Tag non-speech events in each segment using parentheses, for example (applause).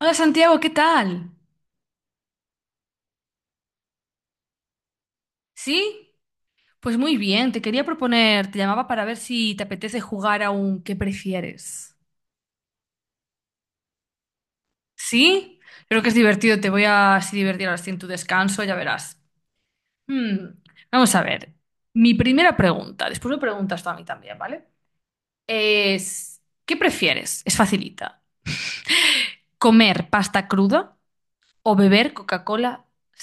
Hola Santiago, ¿qué tal? ¿Sí? Pues muy bien, te quería proponer, te llamaba para ver si te apetece jugar a un ¿qué prefieres? ¿Sí? Creo que es divertido, te voy a así divertir ahora sí en tu descanso, ya verás. Hmm. Vamos a ver, mi primera pregunta, después me preguntas tú a mí también, ¿vale? Es, ¿qué prefieres? Es facilita. ¿Comer pasta cruda o beber Coca-Cola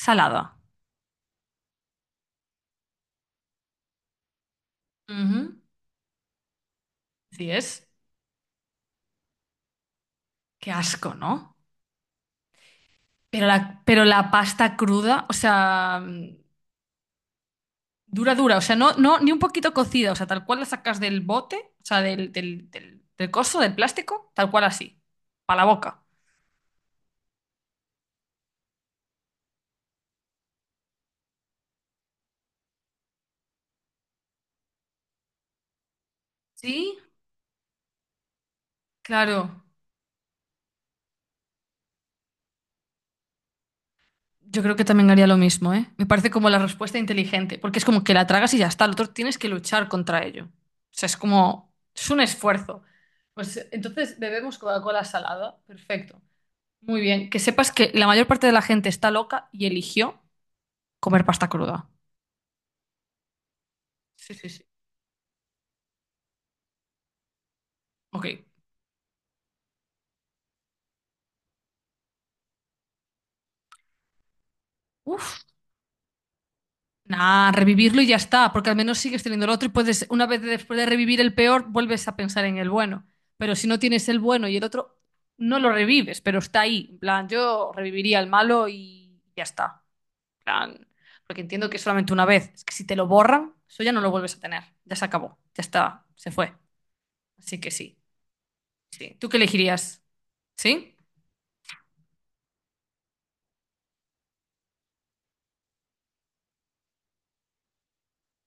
salada? Ujú. Sí es. Qué asco, ¿no? Pero la pasta cruda, o sea, dura, dura, o sea, no, no, ni un poquito cocida, o sea, tal cual la sacas del bote, o sea, del coso, del plástico, tal cual así, para la boca. Sí, claro. Yo creo que también haría lo mismo, ¿eh? Me parece como la respuesta inteligente, porque es como que la tragas y ya está, el otro tienes que luchar contra ello. O sea, es como, es un esfuerzo. Pues entonces bebemos Coca-Cola salada, perfecto. Muy bien, que sepas que la mayor parte de la gente está loca y eligió comer pasta cruda. Sí, sí, sí. Ok. Uf. Nah, revivirlo y ya está, porque al menos sigues teniendo el otro y puedes, una vez después de revivir el peor, vuelves a pensar en el bueno. Pero si no tienes el bueno y el otro, no lo revives, pero está ahí. En plan, yo reviviría el malo y ya está. En plan, porque entiendo que es solamente una vez. Es que si te lo borran, eso ya no lo vuelves a tener. Ya se acabó, ya está, se fue. Así que sí, sí. ¿Tú qué elegirías? ¿Sí?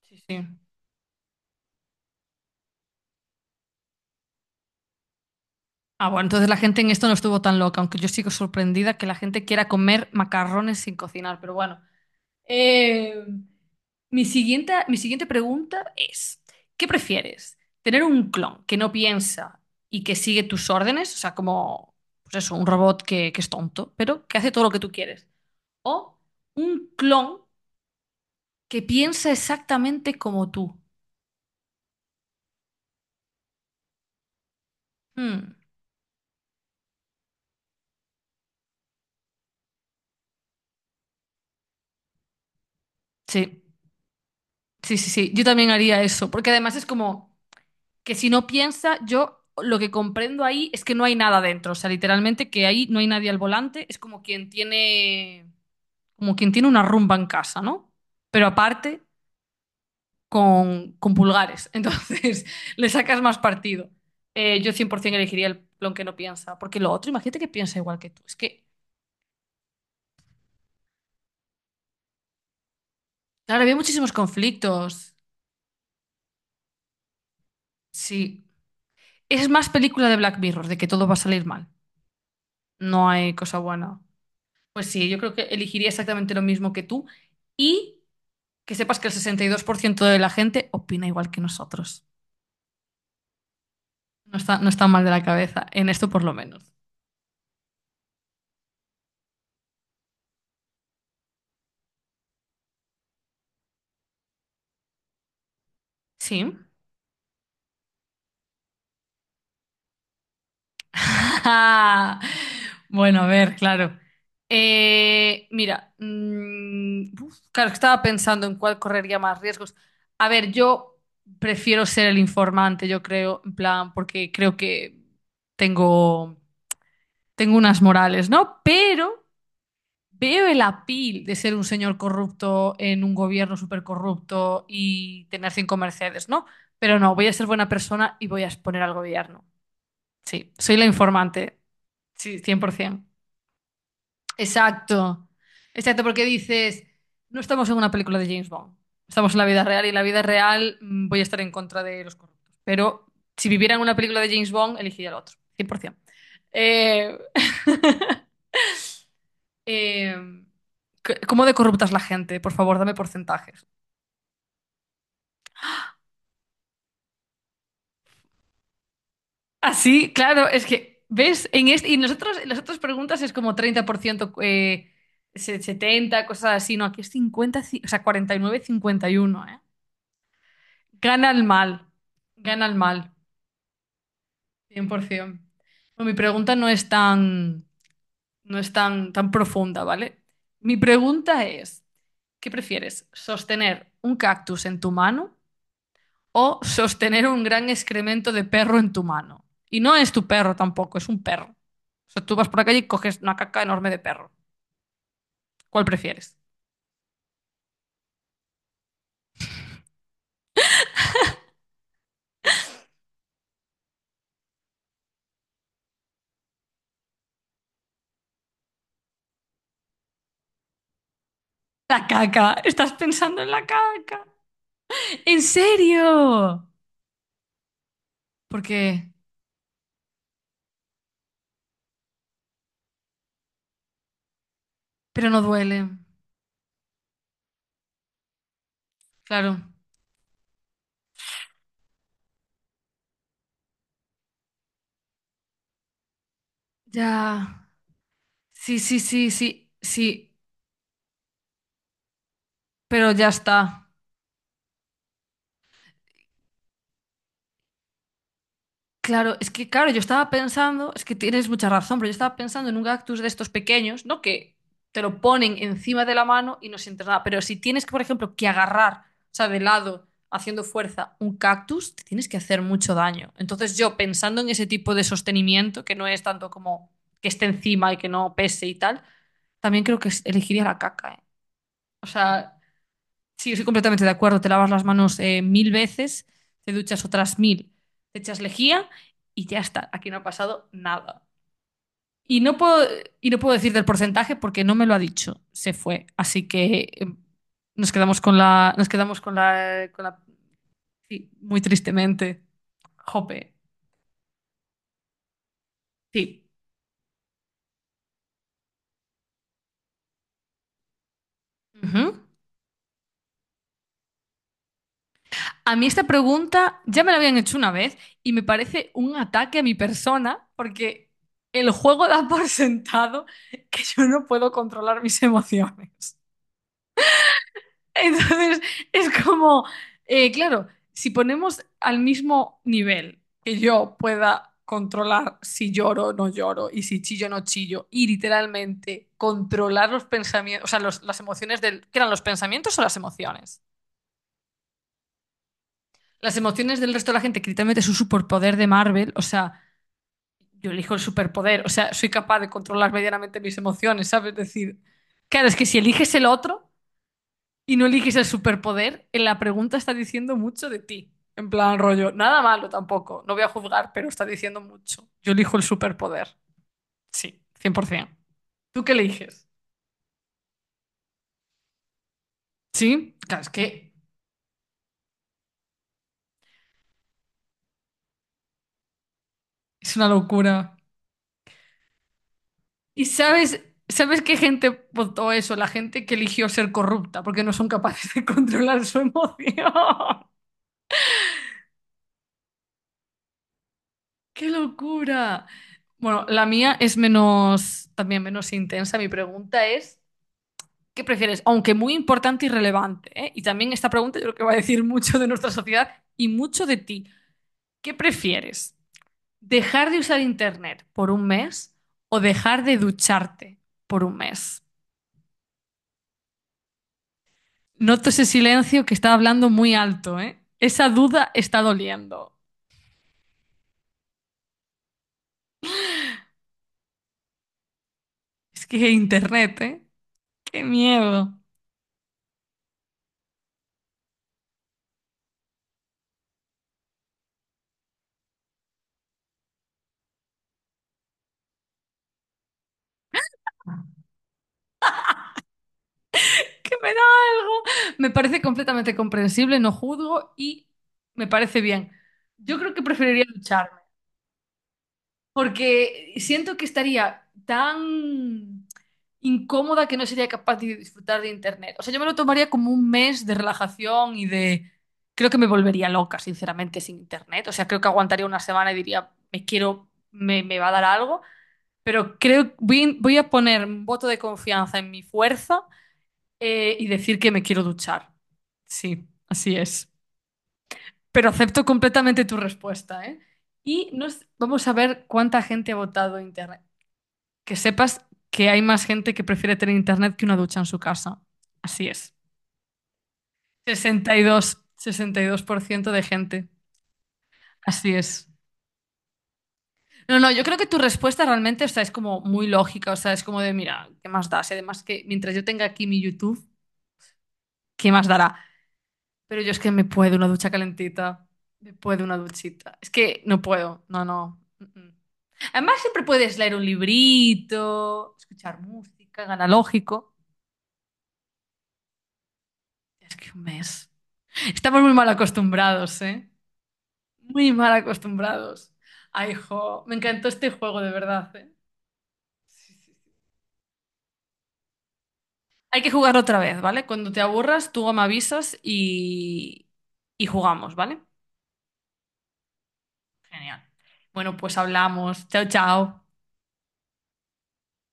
Sí, sí. Ah, bueno, entonces la gente en esto no estuvo tan loca, aunque yo sigo sorprendida que la gente quiera comer macarrones sin cocinar, pero bueno. Eh, mi siguiente pregunta es, ¿qué prefieres? ¿Tener un clon que no piensa y que sigue tus órdenes? O sea, como, pues eso, un robot que es tonto, pero que hace todo lo que tú quieres. ¿O un clon que piensa exactamente como tú? Hmm. Sí, sí, sí, sí. Yo también haría eso, porque además es como... que si no piensa, yo lo que comprendo ahí es que no hay nada dentro. O sea, literalmente que ahí no hay nadie al volante. Es como quien tiene una rumba en casa, ¿no? Pero aparte con pulgares. Entonces (laughs) le sacas más partido. Yo 100% elegiría el plon que no piensa. Porque lo otro, imagínate que piensa igual que tú. Es que, claro, había muchísimos conflictos. Sí. Es más película de Black Mirror, de que todo va a salir mal. No hay cosa buena. Pues sí, yo creo que elegiría exactamente lo mismo que tú. Y que sepas que el 62% de la gente opina igual que nosotros. No está mal de la cabeza, en esto por lo menos. Sí. (laughs) Bueno, a ver, claro. Mira, uf, claro, estaba pensando en cuál correría más riesgos. A ver, yo prefiero ser el informante, yo creo, en plan, porque creo que tengo, tengo unas morales, ¿no? Pero veo el apil de ser un señor corrupto en un gobierno súper corrupto y tener cinco Mercedes, ¿no? Pero no, voy a ser buena persona y voy a exponer al gobierno. Sí, soy la informante. Sí, 100%. Exacto. Exacto, porque dices, no estamos en una película de James Bond. Estamos en la vida real y en la vida real voy a estar en contra de los corruptos. Pero si viviera en una película de James Bond, elegiría el otro. 100%. Eh... (laughs) Eh, ¿cómo de corrupta es la gente? Por favor, dame porcentajes. Así, claro, es que, ¿ves? En este, y nosotros, en las otras preguntas es como 30%, 70 cosas así. No, aquí es 50, o sea, 49, 51, ¿eh? Gana el mal, gana el mal, 100%. No, mi pregunta no es tan, tan profunda, ¿vale? Mi pregunta es, ¿qué prefieres? ¿Sostener un cactus en tu mano? O sostener un gran excremento de perro en tu mano. Y no es tu perro tampoco, es un perro. O sea, tú vas por la calle y coges una caca enorme de perro. ¿Cuál prefieres? La caca. Estás pensando en la caca. ¿En serio? Porque, pero no duele. Claro. Ya. Sí, sí, sí, sí, sí. Pero ya está. Claro, es que claro, yo estaba pensando, es que tienes mucha razón, pero yo estaba pensando en un cactus de estos pequeños, ¿no? Que te lo ponen encima de la mano y no sientes nada. Pero si tienes que, por ejemplo, que agarrar, o sea, de lado, haciendo fuerza, un cactus, te tienes que hacer mucho daño. Entonces yo, pensando en ese tipo de sostenimiento, que no es tanto como que esté encima y que no pese y tal, también creo que elegiría la caca, ¿eh? O sea, sí, estoy completamente de acuerdo. Te lavas las manos mil veces, te duchas otras mil, te echas lejía y ya está. Aquí no ha pasado nada. Y no puedo, y no puedo decir del porcentaje porque no me lo ha dicho. Se fue. Así que nos quedamos con la, nos quedamos con la, sí, muy tristemente. Jope. Sí. Ujú. A mí esta pregunta ya me la habían hecho una vez y me parece un ataque a mi persona porque el juego da por sentado que yo no puedo controlar mis emociones. (laughs) Entonces es como, claro, si ponemos al mismo nivel que yo pueda controlar si lloro o no lloro y si chillo o no chillo y literalmente controlar los pensamientos, o sea, las emociones del... ¿Qué eran los pensamientos o las emociones? Las emociones del resto de la gente, que literalmente es un superpoder de Marvel, o sea, yo elijo el superpoder, o sea, soy capaz de controlar medianamente mis emociones, ¿sabes? Es decir, claro, es que si eliges el otro y no eliges el superpoder, en la pregunta está diciendo mucho de ti. En plan, rollo, nada malo tampoco, no voy a juzgar, pero está diciendo mucho. Yo elijo el superpoder, sí, 100%. ¿Tú qué eliges? Sí, claro, es que es una locura. Y sabes, ¿Sabes qué gente votó eso? La gente que eligió ser corrupta porque no son capaces de (laughs) controlar su emoción. (laughs) ¡Qué locura! Bueno, la mía es menos, también menos intensa. Mi pregunta es, ¿qué prefieres? Aunque muy importante y relevante, ¿eh? Y también esta pregunta yo creo que va a decir mucho de nuestra sociedad y mucho de ti. ¿Qué prefieres? ¿Dejar de usar internet por un mes o dejar de ducharte por un mes? Noto ese silencio que está hablando muy alto, ¿eh? Esa duda está doliendo. Es que internet, ¿eh? Qué miedo. Que me da algo. Me parece completamente comprensible, no juzgo y me parece bien. Yo creo que preferiría ducharme. Porque siento que estaría tan incómoda que no sería capaz de disfrutar de internet. O sea, yo me lo tomaría como un mes de relajación y de... Creo que me volvería loca, sinceramente, sin internet. O sea, creo que aguantaría una semana y diría, me va a dar algo. Pero voy a poner un voto de confianza en mi fuerza y decir que me quiero duchar. Sí, así es. Pero acepto completamente tu respuesta, ¿eh? Y vamos a ver cuánta gente ha votado internet que sepas que hay más gente que prefiere tener internet que una ducha en su casa. Así es. 62% de gente. Así es. No, no, yo creo que tu respuesta realmente, o sea, es como muy lógica, o sea, es como de, mira, ¿qué más da? Si además que mientras yo tenga aquí mi YouTube, ¿qué más dará? Pero yo es que me puedo una ducha calentita, me puedo una duchita. Es que no puedo, no, no. Mm, mm. Además siempre puedes leer un librito, escuchar música, analógico. Es que un mes. Estamos muy mal acostumbrados, ¿eh? Muy mal acostumbrados. Ay, jo, me encantó este juego, de verdad, ¿eh? Sí, sí, sí. Hay que jugar otra vez, ¿vale? Cuando te aburras, tú me avisas y jugamos, ¿vale? Genial. Bueno, pues hablamos. Chao, chao.